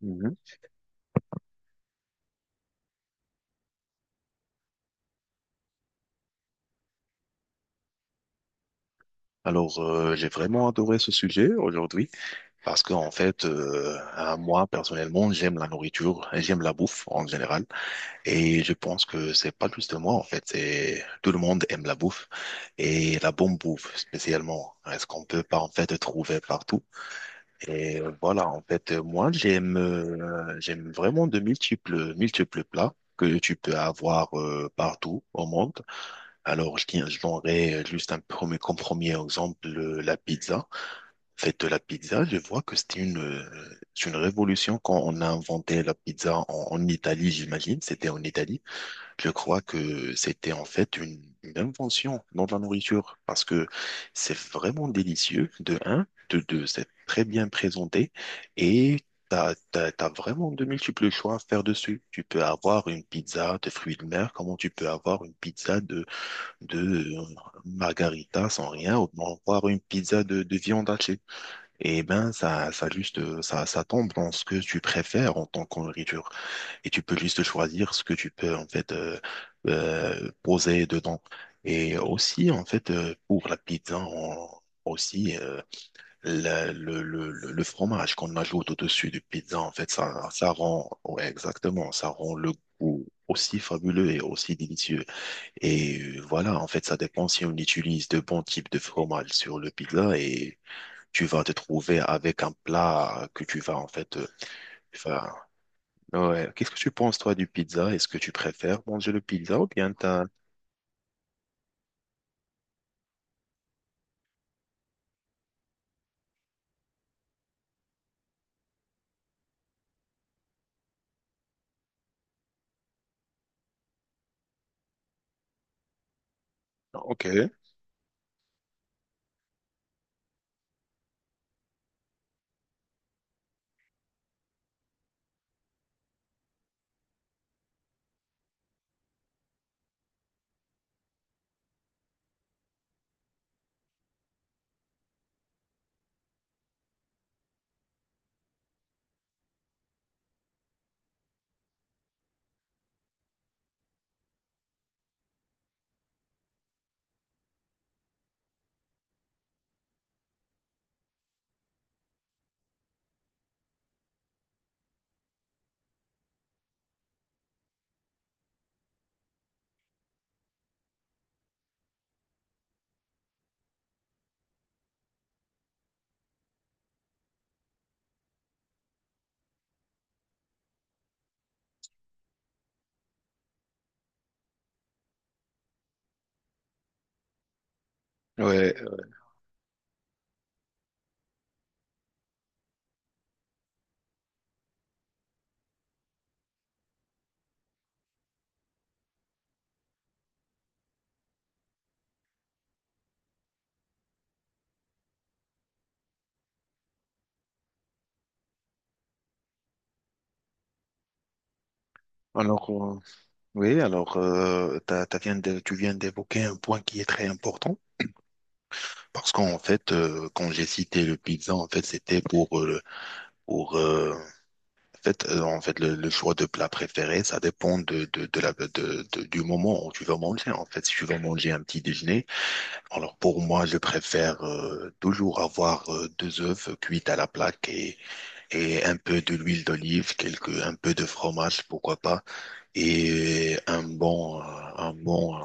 Mhm. Alors, j'ai vraiment adoré ce sujet aujourd'hui parce qu'en fait, moi personnellement, j'aime la nourriture, et j'aime la bouffe en général, et je pense que c'est pas juste moi en fait, c'est tout le monde aime la bouffe et la bonne bouffe spécialement. Est-ce qu'on peut pas en fait trouver partout? Et voilà, en fait, moi j'aime j'aime vraiment de multiples multiples plats que tu peux avoir partout au monde. Alors, je donnerai juste un premier, comme premier exemple la pizza. En fait, la pizza, je vois que c'est une révolution quand on a inventé la pizza en Italie, j'imagine. C'était en Italie. Je crois que c'était en fait une invention dans la nourriture parce que c'est vraiment délicieux, de un, de deux, c'est très bien présenté et T'as vraiment de multiples choix à faire dessus. Tu peux avoir une pizza de fruits de mer, comment tu peux avoir une pizza de margarita sans rien, ou bien voir une pizza de viande hachée. Et ben, ça tombe dans ce que tu préfères en tant que nourriture. Et tu peux juste choisir ce que tu peux, en fait, poser dedans. Et aussi, en fait, pour la pizza, on- aussi, la- le fromage qu'on ajoute au-dessus du pizza, en fait, ça rend, ouais, exactement, ça rend le goût aussi fabuleux et aussi délicieux. Et voilà, en fait, ça dépend si on utilise de bons types de fromage sur le pizza et tu vas te trouver avec un plat que tu vas en fait faire. Ouais. Qu'est-ce que tu penses, toi, du pizza? Est-ce que tu préfères manger le pizza ou bien t'as... Ok, ouais. Alors, oui, alors, tu viens d'évoquer un point qui est très important parce qu'en fait, quand j'ai cité le pizza, en fait, pour, euh, en fait, le choix de plat préféré, ça dépend de la, de- du moment où tu vas manger. En fait, si tu vas manger un petit déjeuner, alors pour moi, je préfère toujours avoir deux œufs cuits à la plaque et un peu de l'huile d'olive, un peu de fromage, pourquoi pas, et un bon, euh, un bon, euh,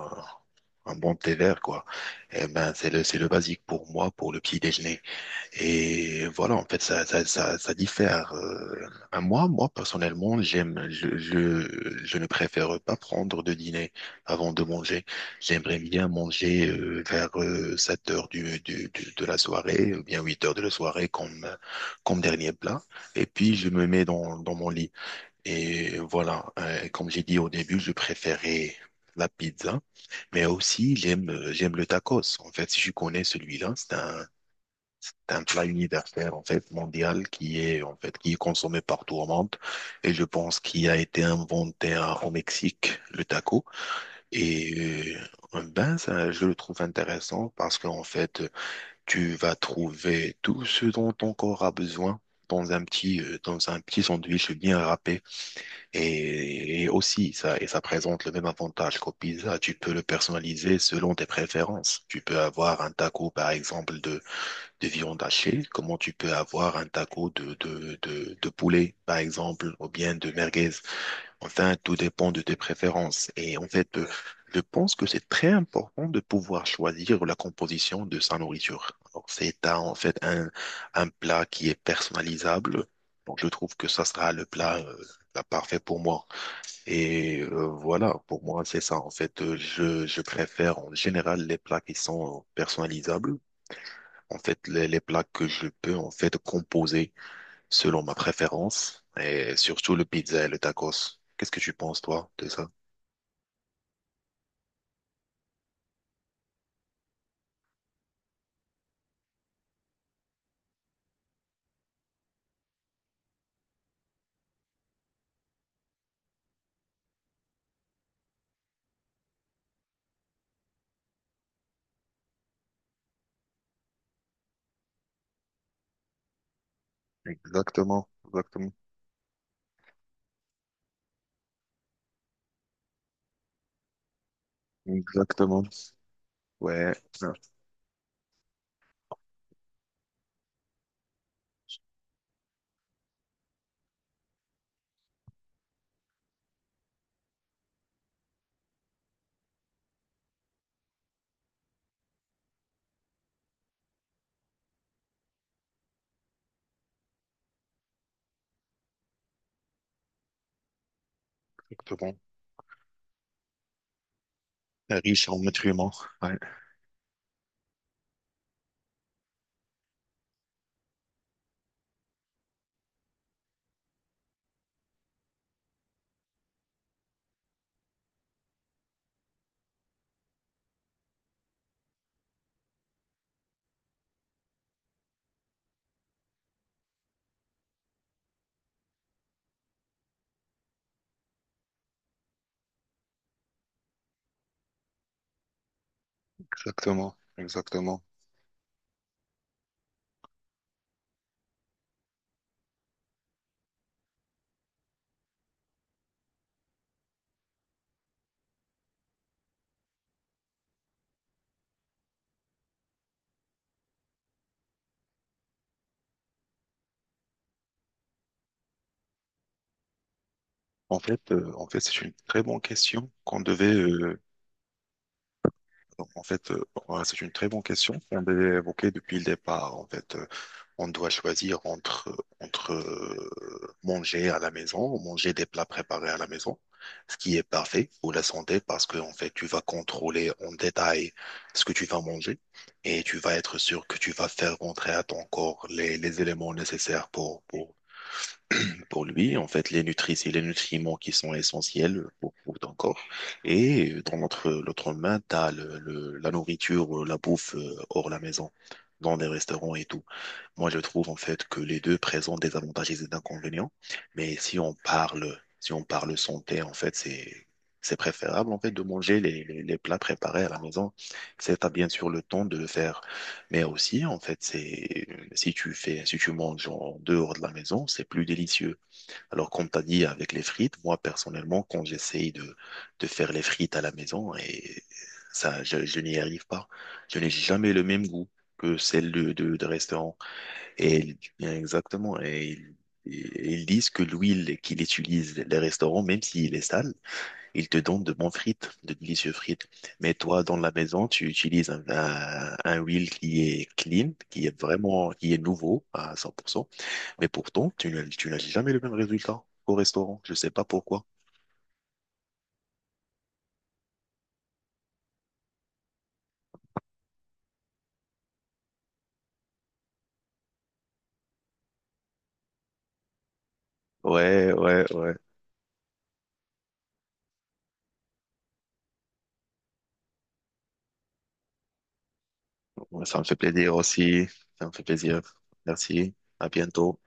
un bon thé vert, quoi. Eh ben, c'est le basique pour moi pour le petit déjeuner. Et voilà, en fait, ça diffère. Moi, personnellement, je ne préfère pas prendre de dîner avant de manger. J'aimerais bien manger vers 7 heures de la soirée, ou bien 8 heures de la soirée comme dernier plat. Et puis, je me mets dans mon lit. Et voilà, comme j'ai dit au début, je préférais la pizza. Mais aussi, j'aime le tacos. En fait, si je connais celui-là, c'est un plat universel en fait mondial qui est en fait qui est consommé partout au monde et je pense qu'il a été inventé au Mexique le taco et ben ça je le trouve intéressant parce qu'en fait tu vas trouver tout ce dont ton corps a besoin dans un petit sandwich bien râpé et aussi ça et ça présente le même avantage qu'au pizza tu peux le personnaliser selon tes préférences tu peux avoir un taco par exemple de viande hachée, comment tu peux avoir un taco de poulet, par exemple, ou bien de merguez. Enfin, tout dépend de tes préférences. Et en fait, je pense que c'est très important de pouvoir choisir la composition de sa nourriture. Alors, c'est un plat qui est personnalisable. Donc, je trouve que ça sera le plat, parfait pour moi. Et voilà, pour moi, c'est ça. En fait, je préfère en général les plats qui sont personnalisables en fait, les plats que je peux en fait composer selon ma préférence et surtout le pizza et le tacos. Qu'est-ce que tu penses, toi, de ça? Exactement, exactement, exactement. Ouais, ouais, exactement. Riche en nutriments. Ouais, exactement, exactement. En fait, c'est une très bonne question qu'on devait. Ouais, c'est une très bonne question qu'on devait évoquer depuis le départ. En fait, on doit choisir entre manger à la maison, manger des plats préparés à la maison, ce qui est parfait pour la santé parce que, en fait, tu vas contrôler en détail ce que tu vas manger et tu vas être sûr que tu vas faire rentrer à ton corps les éléments nécessaires pour lui, en fait, les nutrices et les nutriments qui sont essentiels pour ton corps. Et dans l'autre main, tu as la nourriture, la bouffe hors la maison, dans des restaurants et tout. Moi, je trouve en fait que les deux présentent des avantages et des inconvénients, mais si on parle, si on parle santé, en fait, c'est préférable en fait de manger les plats préparés à la maison. C'est t'as bien sûr le temps de le faire, mais aussi en fait, c'est si tu fais, si tu manges en dehors de la maison, c'est plus délicieux. Alors, comme t'as dit avec les frites, moi personnellement, quand j'essaye de faire les frites à la maison et ça, je n'y arrive pas. Je n'ai jamais le même goût que celle de restaurant. Bien exactement. Et ils disent que l'huile qu'il utilise, les restaurants, même s'il est sale, ils te donnent de bons frites, de délicieux frites. Mais toi, dans la maison, tu utilises un huile qui est clean, qui est vraiment, qui est nouveau à 100%. Mais pourtant, tu n'as jamais le même résultat au restaurant. Je sais pas pourquoi. Ouais, ouais, ouais. Ouais, ça me fait plaisir aussi. Ça me fait plaisir. Merci. À bientôt.